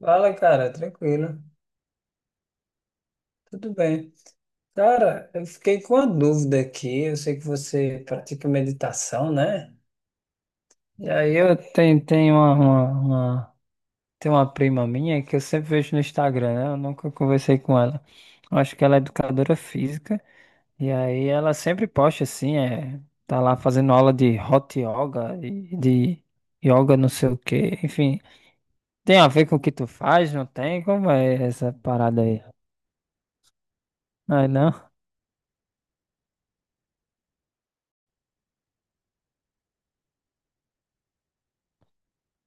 Fala, cara, tranquilo. Tudo bem. Cara, eu fiquei com uma dúvida aqui. Eu sei que você pratica meditação, né? E aí eu tenho tem uma prima minha que eu sempre vejo no Instagram, né? Eu nunca conversei com ela. Eu acho que ela é educadora física. E aí ela sempre posta assim, tá lá fazendo aula de hot yoga e de yoga não sei o quê. Enfim, tem a ver com o que tu faz, não tem? Como é essa parada aí? Não é não?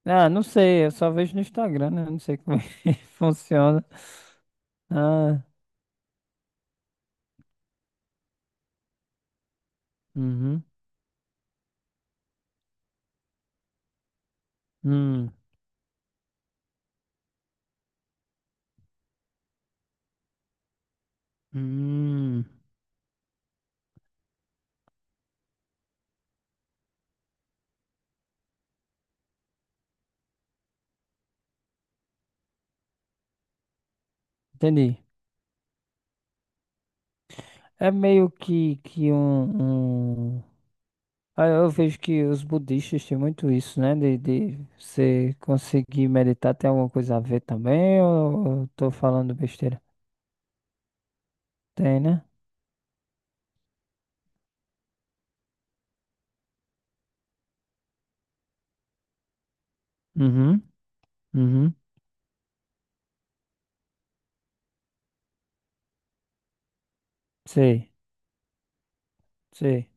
Ah, não sei, eu só vejo no Instagram, né? Não sei como é que funciona. Ah, uhum, hum, hum, entendi. É meio que... Ah, eu vejo que os budistas têm muito isso, né? De você conseguir meditar, tem alguma coisa a ver também? Ou eu tô falando besteira? Tem, né? Uhum, uhum. Sei, sei.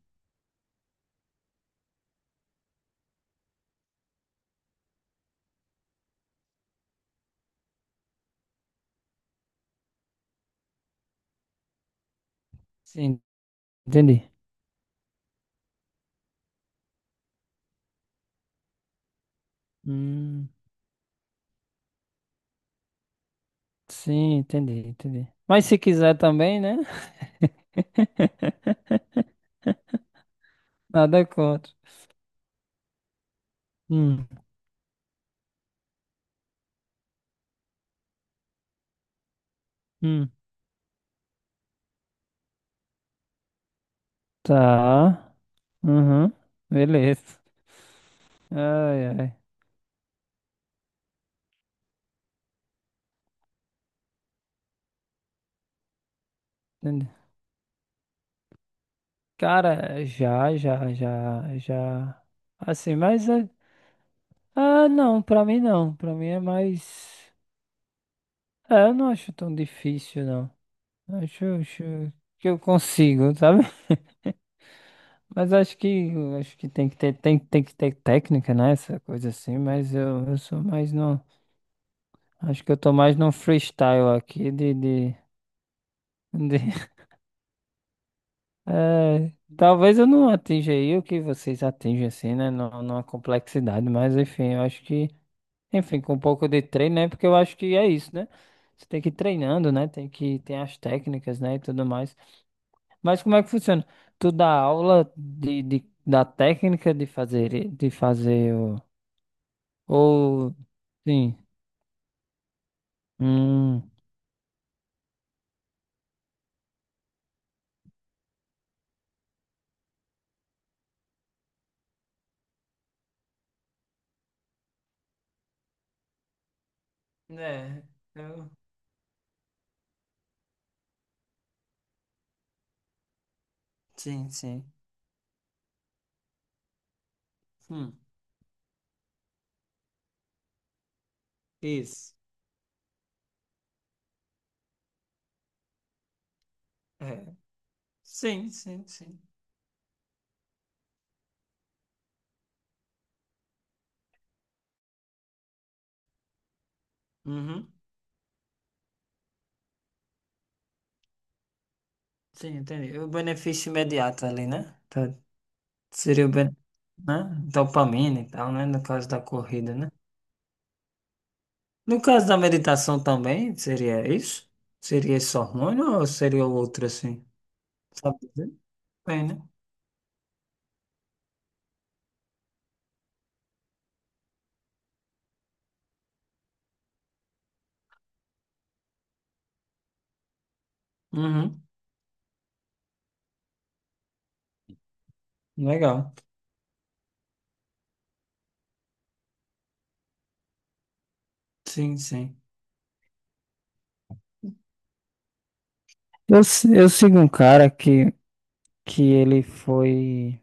Sim, entendi. Hum, sim, entendi, entendi. Mas se quiser também, né? Nada contra. Hum, hum. Tá. Uhum. Beleza. Ai, ai. Entendi. Cara, já, já, já, já. Assim, mas... Ah, não, pra mim não. Pra mim é mais. É, eu não acho tão difícil, não. Acho que eu consigo, sabe? Mas acho que tem que ter técnica, né? Essa coisa assim, mas eu sou mais no. Acho que eu tô mais no freestyle aqui De- É, talvez eu não atinja aí o que vocês atingem, assim, né? Não, numa complexidade, mas enfim, eu acho que, enfim, com um pouco de treino, né? Porque eu acho que é isso, né? Você tem que ir treinando, né? Tem que tem as técnicas, né? E tudo mais. Mas como é que funciona? Tu dá aula da técnica de fazer, de fazer o. Ou. Sim. Hum. É, eu- Sim, sim. Hum, isso. É. Sim, sim, sim. Uhum. Sim, entendi. O benefício imediato ali, né? Tá. Seria o ben... né? Dopamina e tal, né? No caso da corrida, né? No caso da meditação também, seria isso? Seria esse hormônio ou seria outro assim? Sabe dizer? Bem, né? Uhum. Legal. Sim, sim. Eu, se- eu sigo um cara que ele foi,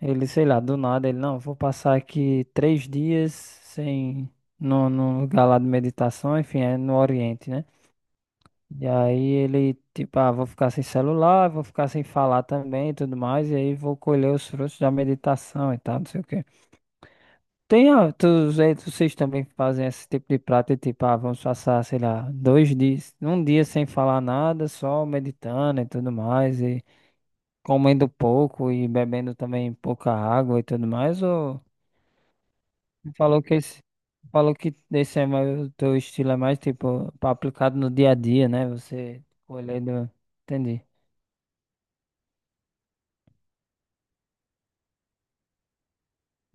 ele, sei lá, do nada, ele, não, vou passar aqui 3 dias sem, no lugar lá de meditação, enfim, é no Oriente, né? E aí ele, tipo, ah, vou ficar sem celular, vou ficar sem falar também e tudo mais, e aí vou colher os frutos da meditação e tal, não sei o quê. Tem, ah, tu, aí vocês também fazem esse tipo de prática, tipo, ah, vamos passar, sei lá, 2 dias, um dia sem falar nada, só meditando e tudo mais, e comendo pouco e bebendo também pouca água e tudo mais, ou tu falou que esse é mais, o teu estilo é mais, tipo, aplicado no dia a dia, né? Você colhendo, entendi.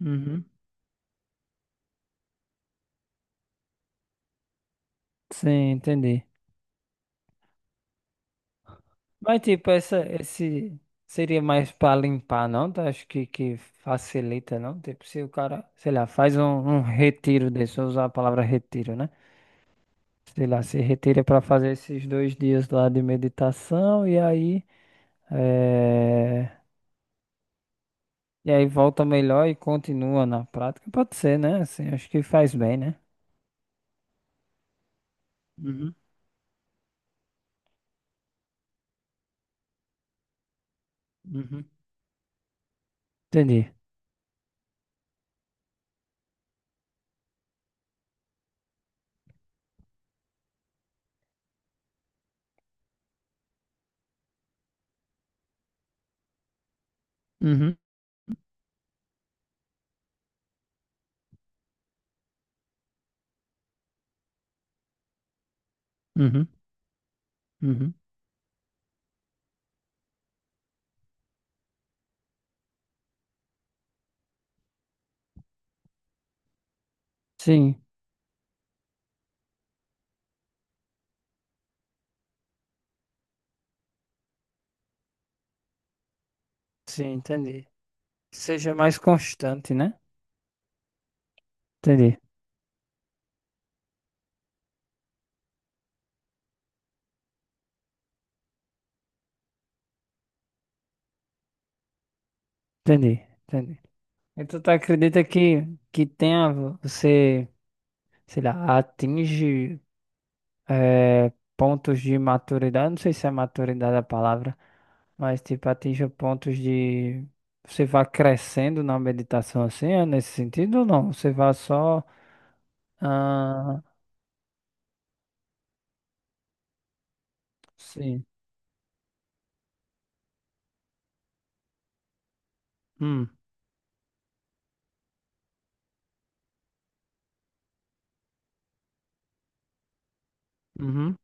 Uhum. Sim, entendi. Mas tipo, esse seria mais para limpar, não? Tu acho que facilita, não? Tipo, se o cara, sei lá, faz um retiro desse, eu usar a palavra retiro, né? Sei lá, se retira para fazer esses 2 dias lá de meditação eh, e aí volta melhor e continua na prática. Pode ser, né? Assim, acho que faz bem, né? Uhum, uhum. Entendi. Uhum, uhum, uhum. Sim, sim, entendi. Seja mais constante, né? Entendi, entendi, entendi. Então tu acredita que tenha, você, sei lá, atinge eh, pontos de maturidade, não sei se é maturidade a palavra, mas tipo, atinge pontos de, você vai crescendo na meditação assim, é nesse sentido ou não? Você vai só, ah, sim, hum, uhum,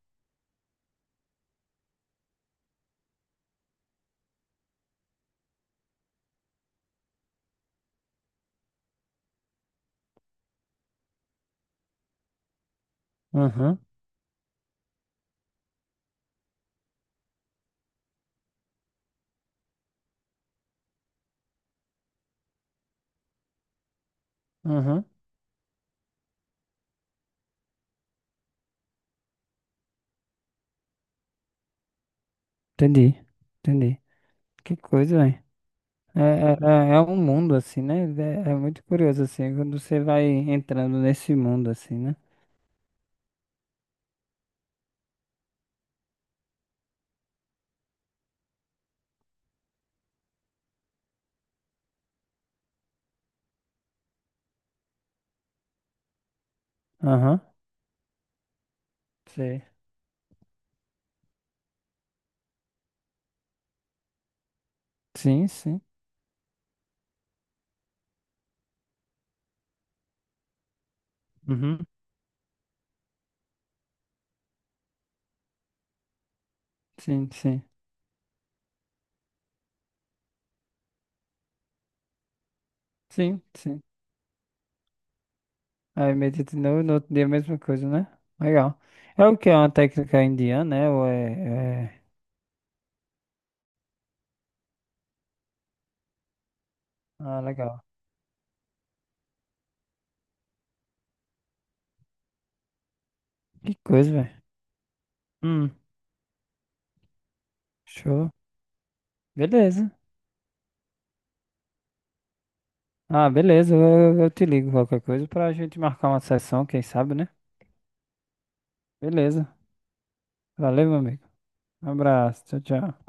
uhum, uhum, entendi, entendi. Que coisa, hein? É um mundo assim, né? É muito curioso assim, quando você vai entrando nesse mundo assim, né? Aham, sei. Sim, sim. Uhum. Sim, sim. Sim, sim. Aí medita de novo, no outro dia a mesma coisa, né? Legal. É o que é uma técnica indiana, né? Ou é... Ah, legal. Que coisa, velho. Hum, show. Beleza. Ah, beleza. Eu te ligo qualquer coisa pra gente marcar uma sessão, quem sabe, né? Beleza. Valeu, meu amigo. Um abraço. Tchau, tchau.